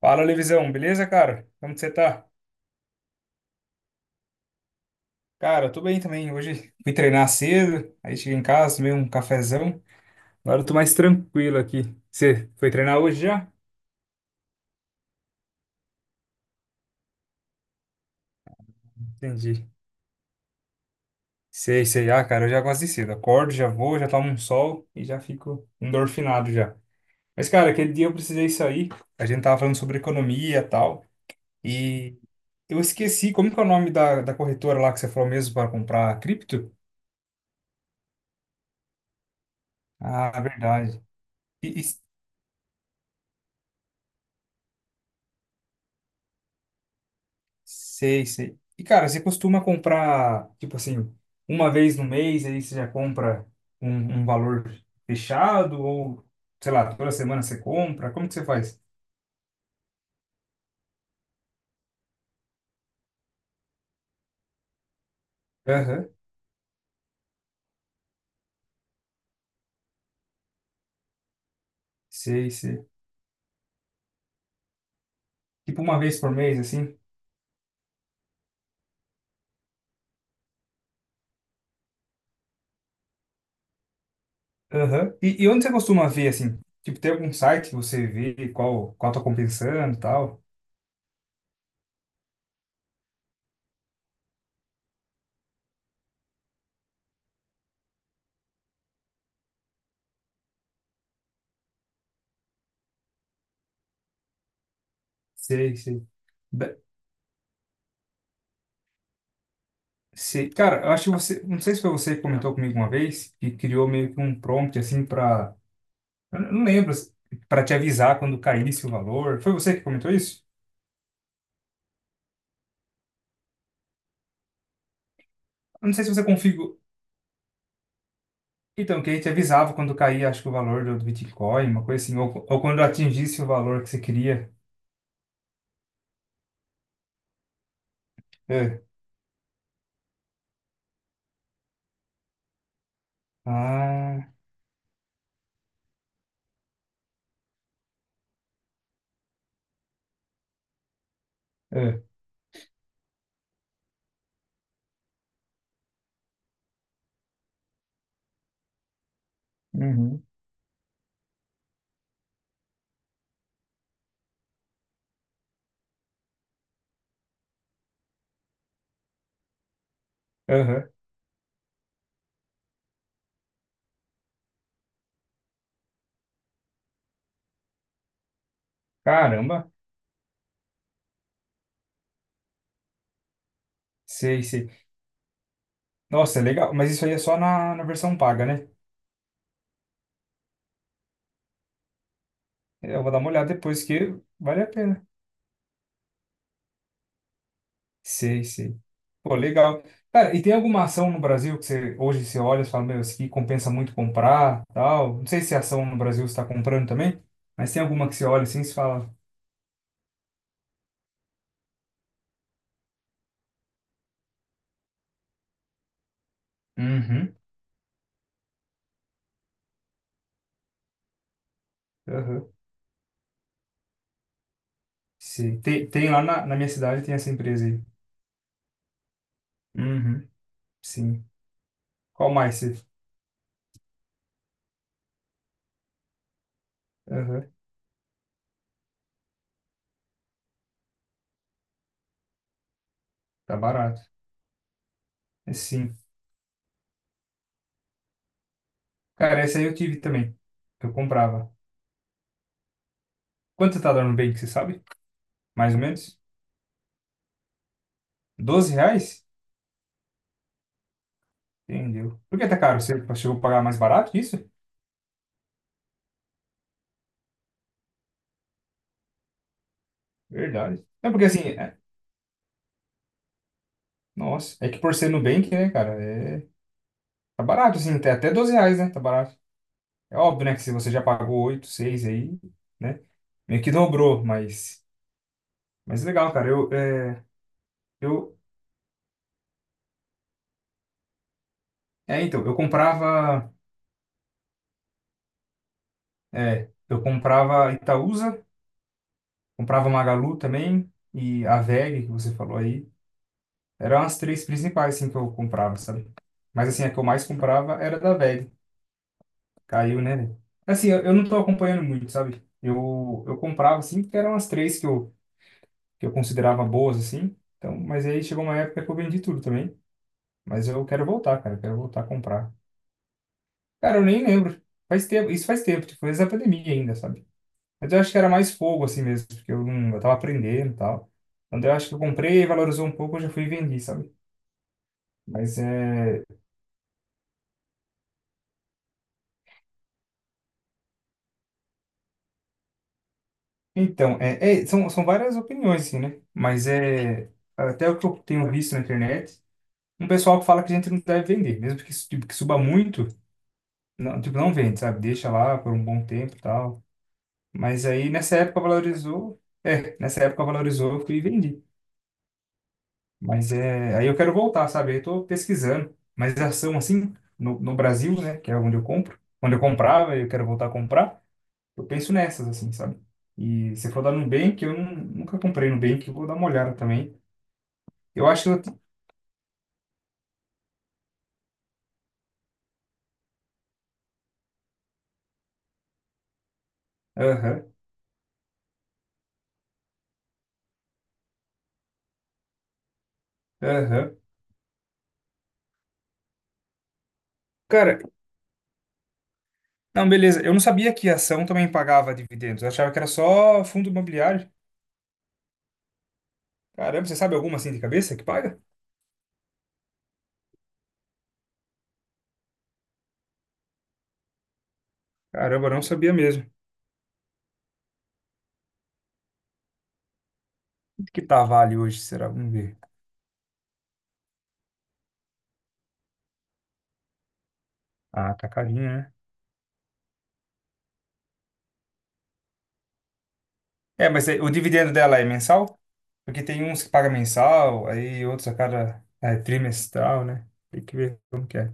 Fala, Levisão, beleza, cara? Como que você tá? Cara, tô bem também. Hoje fui treinar cedo, aí cheguei em casa, tomei um cafezão. Agora eu tô mais tranquilo aqui. Você foi treinar hoje já? Entendi. Sei, sei. Ah, cara, eu já gosto de cedo. Acordo, já vou, já tomo um sol e já fico endorfinado já. Mas, cara, aquele dia eu precisei sair. A gente tava falando sobre economia e tal. E eu esqueci, como que é o nome da corretora lá que você falou mesmo para comprar cripto? Ah, verdade. E, e Sei, sei. E, cara, você costuma comprar, tipo assim, uma vez no mês, aí você já compra um valor fechado? Ou, sei lá, toda semana você compra? Como que você faz? Aham, sei, sei. Tipo uma vez por mês, assim? Aham. E onde você costuma ver, assim? Tipo, tem algum site que você vê qual tá compensando e tal? Sei, sei. Be- Sei. Cara, eu acho que você, não sei se foi você que comentou comigo uma vez, que criou meio que um prompt, assim, pra, eu não lembro, para te avisar quando caísse o valor. Foi você que comentou isso? Eu não sei se você configurou. Então, que aí te avisava quando caía, acho que o valor do Bitcoin, uma coisa assim, ou, quando atingisse o valor que você queria. É. Ah, é. Uhum. Aham. Caramba, sei, sei. Nossa, é legal, mas isso aí é só na versão paga, né? Eu vou dar uma olhada depois que vale a pena. Sei, sei. Pô, legal. Cara, e tem alguma ação no Brasil que você hoje você olha e fala, meu, isso aqui compensa muito comprar, tal? Não sei se é ação no Brasil você está comprando também, mas tem alguma que você olha assim e você fala? Uhum, uhum, sei. Tem lá na minha cidade, tem essa empresa aí. Uhum, sim. Qual mais você? Uhum, tá barato. É, sim. Cara, essa aí eu tive também. Eu comprava. Quanto tá dando bem, que você sabe? Mais ou menos? R$ 12? Entendeu. Por que tá caro? Você chegou a pagar mais barato que isso? Verdade. É porque assim, nossa, é que por ser Nubank, né, cara, é, tá barato, assim, até R$ 12, né, tá barato. É óbvio, né, que se você já pagou 8 6 aí, né, meio que dobrou, mas legal, cara, eu, então, eu comprava Itaúsa, comprava Magalu também, e a VEG, que você falou aí, eram as três principais, assim, que eu comprava, sabe? Mas, assim, a que eu mais comprava era da VEG. Caiu, né? Velho? Assim, eu não tô acompanhando muito, sabe? Eu comprava, assim, porque eram as três que eu considerava boas, assim. Então, mas aí chegou uma época que eu vendi tudo também. Mas eu quero voltar, cara. Eu quero voltar a comprar. Cara, eu nem lembro. Faz tempo, isso faz tempo, tipo, antes da pandemia ainda, sabe? Mas eu acho que era mais fogo, assim mesmo, porque eu, não, eu tava aprendendo e tal. Quando eu acho que eu comprei, valorizou um pouco, eu já fui e vendi, sabe? Mas é. Então, são várias opiniões, assim, né? Mas é. Até o que eu tenho visto na internet. Um pessoal que fala que a gente não deve vender, mesmo que, tipo, que suba muito, não, tipo, não vende, sabe? Deixa lá por um bom tempo e tal. Mas aí nessa época valorizou, nessa época valorizou, eu fui e vendi. Mas é, aí eu quero voltar, sabe? Eu tô pesquisando, mas ação assim, no Brasil, né, que é onde eu compro, onde eu comprava e eu quero voltar a comprar, eu penso nessas, assim, sabe? E se for dar Nubank, eu nunca comprei Nubank, eu vou dar uma olhada também. Eu acho que eu... Aham, aham. Cara, não, beleza. Eu não sabia que a ação também pagava dividendos. Eu achava que era só fundo imobiliário. Caramba, você sabe alguma assim de cabeça que paga? Caramba, eu não sabia mesmo. Quanto que tá a Vale hoje, será? Vamos ver. Ah, tá carinho, né? É, mas o dividendo dela é mensal? Porque tem uns que pagam mensal, aí outros a cada trimestral, né? Tem que ver como que é.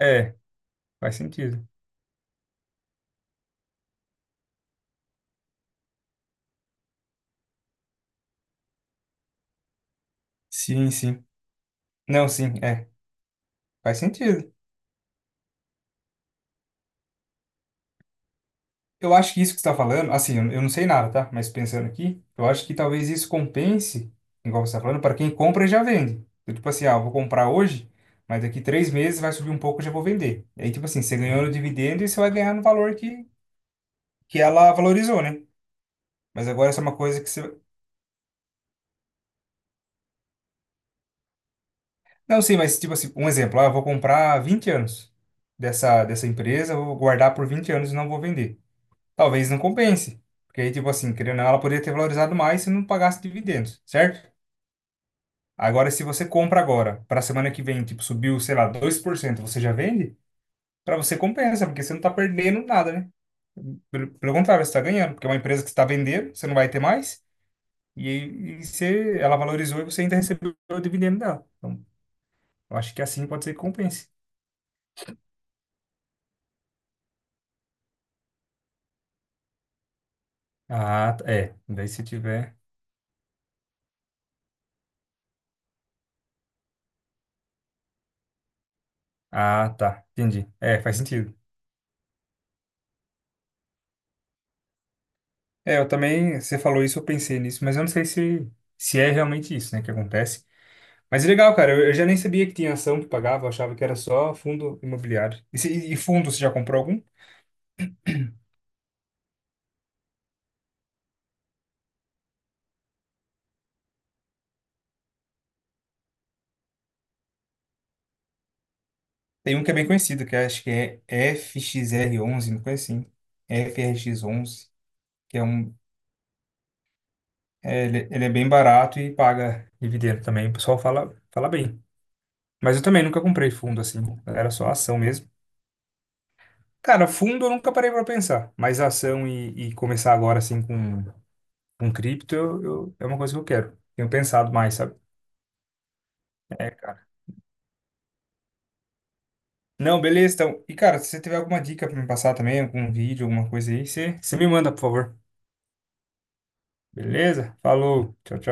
É, faz sentido. Sim, sim. Não, sim, é. Faz sentido. Eu acho que isso que você está falando, assim, eu não sei nada, tá? Mas pensando aqui, eu acho que talvez isso compense, igual você está falando, para quem compra e já vende. Então, tipo assim, ah, eu vou comprar hoje, mas daqui 3 meses vai subir um pouco e já vou vender. E aí, tipo assim, você ganhou no dividendo e você vai ganhar no valor que ela valorizou, né? Mas agora essa é uma coisa que você. Não, sim, mas tipo assim, um exemplo, ah, eu vou comprar 20 anos dessa empresa, eu vou guardar por 20 anos e não vou vender. Talvez não compense. Porque aí, tipo assim, querendo ou não, ela poderia ter valorizado mais se não pagasse dividendos, certo? Agora, se você compra agora, para semana que vem, tipo, subiu, sei lá, 2% você já vende? Para você compensa, porque você não tá perdendo nada, né? Pelo contrário, você tá ganhando, porque é uma empresa que está vendendo, você não vai ter mais, e, aí, e você, ela valorizou e você ainda recebeu o dividendo dela. Então, eu acho que assim pode ser que compense. Ah, tá, é. Daí se tiver. Ah, tá. Entendi. É, faz sentido. É, eu também, você falou isso, eu pensei nisso, mas eu não sei se é realmente isso, né, que acontece. Mas é legal, cara. Eu já nem sabia que tinha ação que pagava, eu achava que era só fundo imobiliário. E, e fundo, você já comprou algum? Tem um que é bem conhecido, que acho que é FXR11, uma coisa assim. FRX11, que é um. É, ele é bem barato e paga dividendo também. O pessoal fala, fala bem. Mas eu também nunca comprei fundo assim. Era só ação mesmo. Cara, fundo eu nunca parei pra pensar. Mas ação e começar agora assim com cripto é uma coisa que eu quero. Tenho pensado mais, sabe? Não, beleza, então. E, cara, se você tiver alguma dica pra me passar também, algum vídeo, alguma coisa aí, você me manda, por favor. Beleza? Falou. Tchau, tchau.